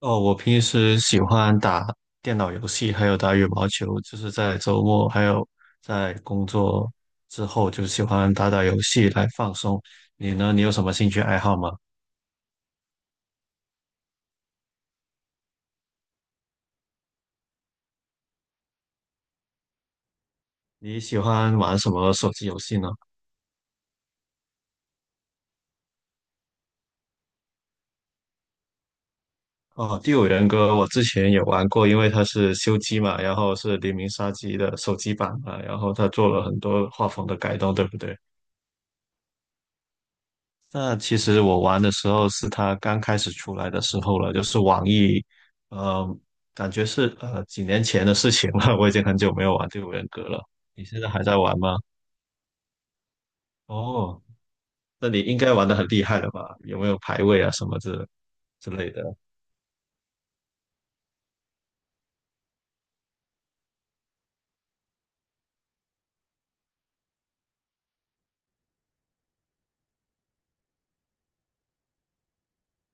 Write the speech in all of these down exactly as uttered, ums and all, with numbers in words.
哦，我平时喜欢打电脑游戏，还有打羽毛球，就是在周末还有在工作之后，就喜欢打打游戏来放松。你呢？你有什么兴趣爱好吗？你喜欢玩什么手机游戏呢？哦，《第五人格》我之前也玩过，因为它是修机嘛，然后是黎明杀机的手机版嘛，然后它做了很多画风的改动，对不对？那其实我玩的时候是他刚开始出来的时候了，就是网易，呃，感觉是呃几年前的事情了，我已经很久没有玩《第五人格》了。你现在还在玩吗？哦，那你应该玩的很厉害了吧？有没有排位啊什么之之类的？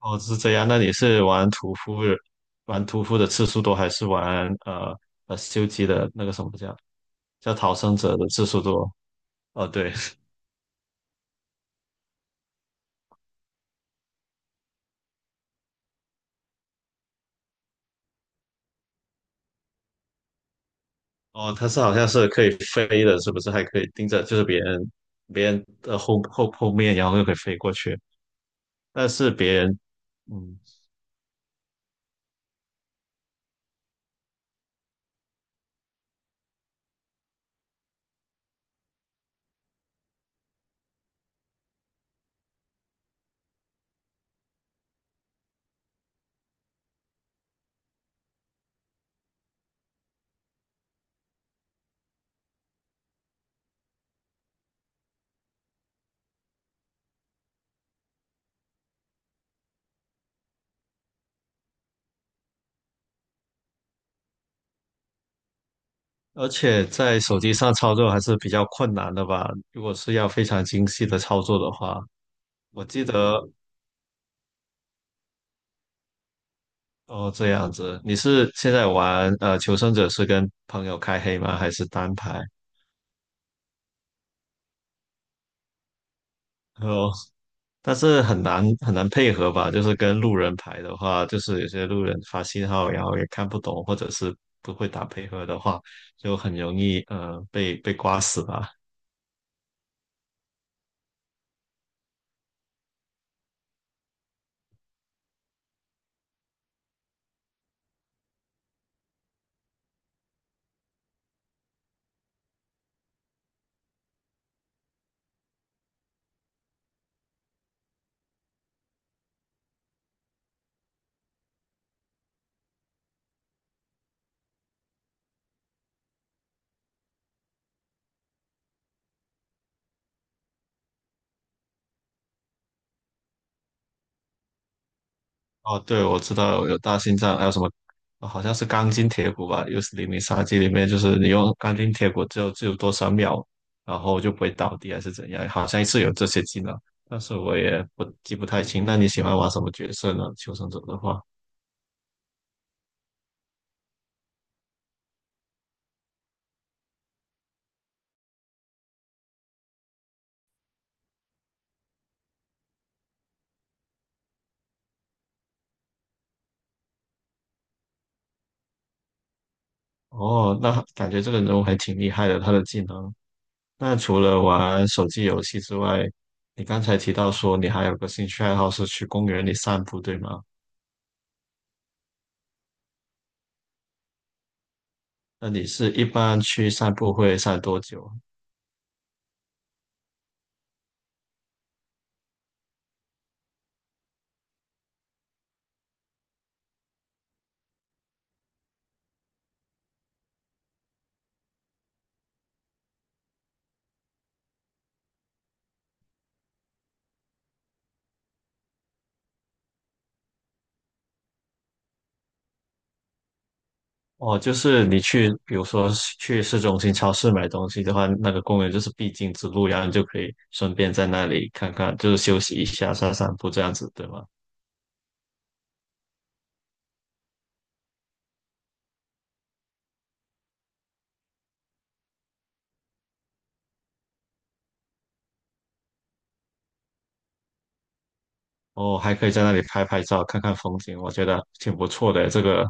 哦，是这样。那你是玩屠夫，玩屠夫的次数多，还是玩呃呃修机的那个什么叫叫逃生者的次数多？哦，对，哦，它是好像是可以飞的，是不是？还可以盯着，就是别人别人的后后后面，然后又可以飞过去。但是别人，嗯，而且在手机上操作还是比较困难的吧？如果是要非常精细的操作的话，我记得哦，这样子。你是现在玩呃《求生者》是跟朋友开黑吗？还是单排？哦，但是很难很难配合吧，就是跟路人排的话，就是有些路人发信号，然后也看不懂，或者是不会打配合的话，就很容易呃被被刮死吧。哦，对，我知道有大心脏，还有什么，哦好像是钢筋铁骨吧，又是零零杀机里面，就是你用钢筋铁骨只有只有多少秒，然后就不会倒地还是怎样，好像是有这些技能，但是我也不记不太清。那你喜欢玩什么角色呢？求生者的话。哦，那感觉这个人物还挺厉害的，他的技能。那除了玩手机游戏之外，你刚才提到说你还有个兴趣爱好是去公园里散步，对吗？那你是一般去散步会散多久啊？哦，就是你去，比如说去市中心超市买东西的话，那个公园就是必经之路，然后你就可以顺便在那里看看，就是休息一下、散散步这样子，对吗？哦，还可以在那里拍拍照，看看风景，我觉得挺不错的这个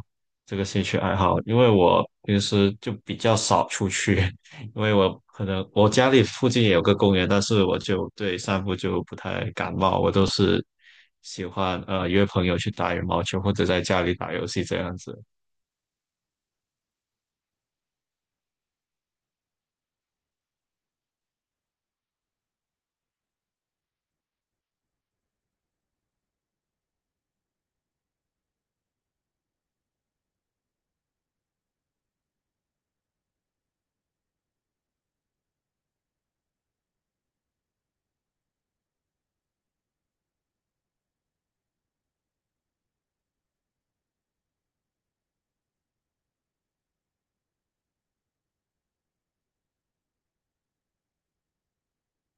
这个兴趣爱好。因为我平时就比较少出去，因为我可能我家里附近也有个公园，但是我就对散步就不太感冒，我都是喜欢呃约朋友去打羽毛球或者在家里打游戏这样子。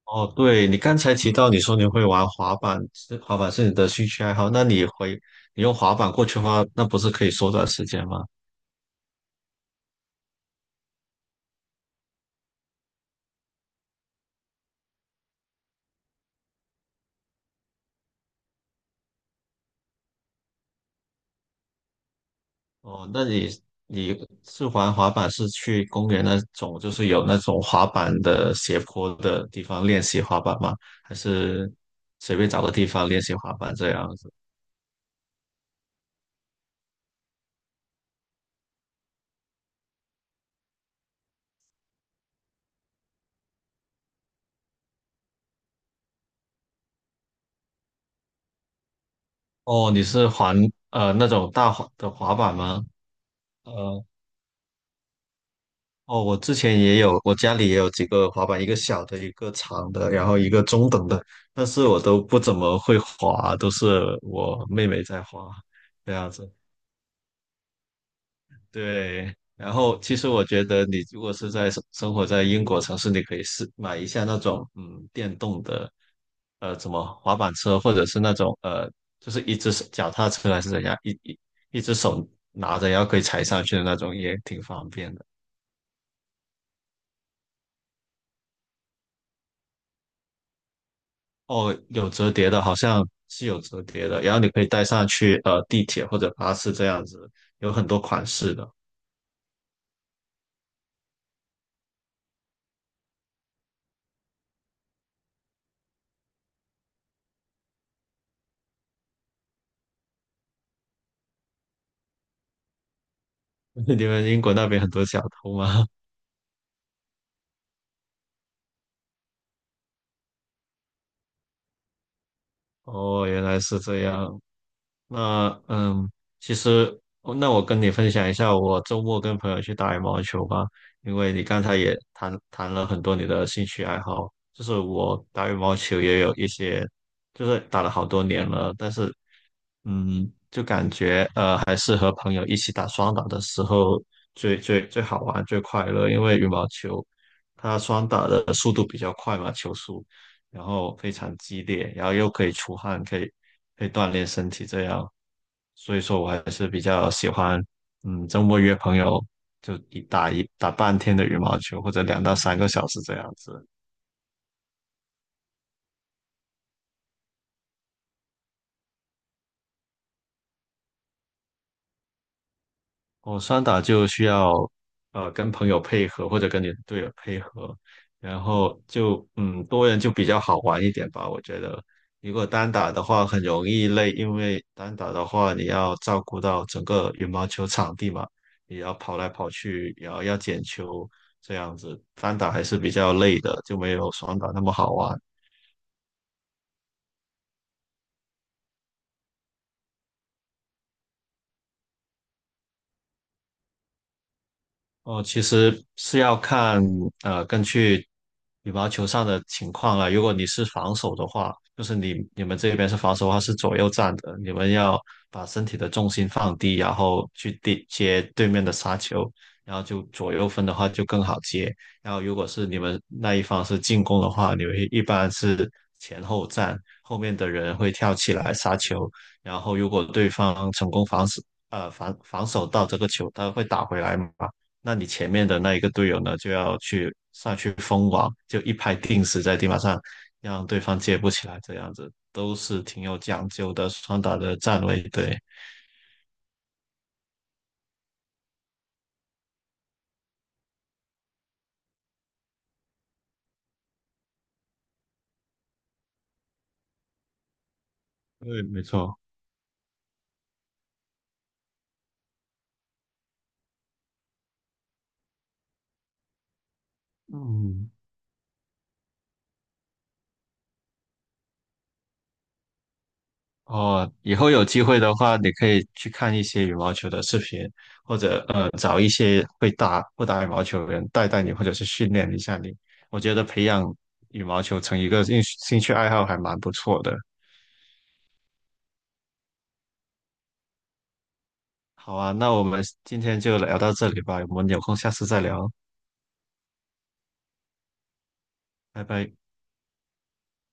哦，对，你刚才提到你说你会玩滑板，是滑板是你的兴趣爱好，那你回你用滑板过去的话，那不是可以缩短时间吗？哦，那你你是玩滑板是去公园那种，就是有那种滑板的斜坡的地方练习滑板吗？还是随便找个地方练习滑板这样子？哦，你是滑呃那种大滑的滑板吗？呃，哦，我之前也有，我家里也有几个滑板，一个小的，一个长的，然后一个中等的，但是我都不怎么会滑，都是我妹妹在滑，这样子。对，然后其实我觉得你如果是在生生活在英国城市，你可以试买一下那种嗯电动的，呃，怎么滑板车，或者是那种呃，就是一只手脚踏车还是怎样，一一一只手拿着，然后可以踩上去的那种，也挺方便的。哦，有折叠的，好像是有折叠的，然后你可以带上去呃地铁或者巴士这样子，有很多款式的。你们英国那边很多小偷吗？哦，原来是这样。那嗯，其实哦那我跟你分享一下，我周末跟朋友去打羽毛球吧。因为你刚才也谈谈了很多你的兴趣爱好，就是我打羽毛球也有一些，就是打了好多年了，但是嗯，就感觉呃还是和朋友一起打双打的时候最最最好玩最快乐，因为羽毛球它双打的速度比较快嘛，球速，然后非常激烈，然后又可以出汗，可以可以锻炼身体这样。所以说我还是比较喜欢，嗯，周末约朋友就一打一打半天的羽毛球，或者两到三个小时这样子。哦，双打就需要呃跟朋友配合或者跟你的队友配合，然后就嗯多人就比较好玩一点吧，我觉得。如果单打的话很容易累，因为单打的话你要照顾到整个羽毛球场地嘛，你要跑来跑去，然后要捡球，这样子单打还是比较累的，就没有双打那么好玩。哦，其实是要看呃，根据羽毛球上的情况了。如果你是防守的话，就是你你们这边是防守的话是左右站的，你们要把身体的重心放低，然后去地接对面的杀球，然后就左右分的话就更好接。然后如果是你们那一方是进攻的话，你们一般是前后站，后面的人会跳起来杀球，然后如果对方成功防守呃防防守到这个球，他会打回来嘛。那你前面的那一个队友呢，就要去上去封网，就一拍定死在地板上，让对方接不起来，这样子都是挺有讲究的双打的站位。对，对，没错。嗯，哦，以后有机会的话，你可以去看一些羽毛球的视频，或者呃找一些会打会打羽毛球的人带带你，或者是训练一下你。我觉得培养羽毛球成一个兴兴趣爱好还蛮不错的。好啊，那我们今天就聊到这里吧，我们有空下次再聊，拜拜。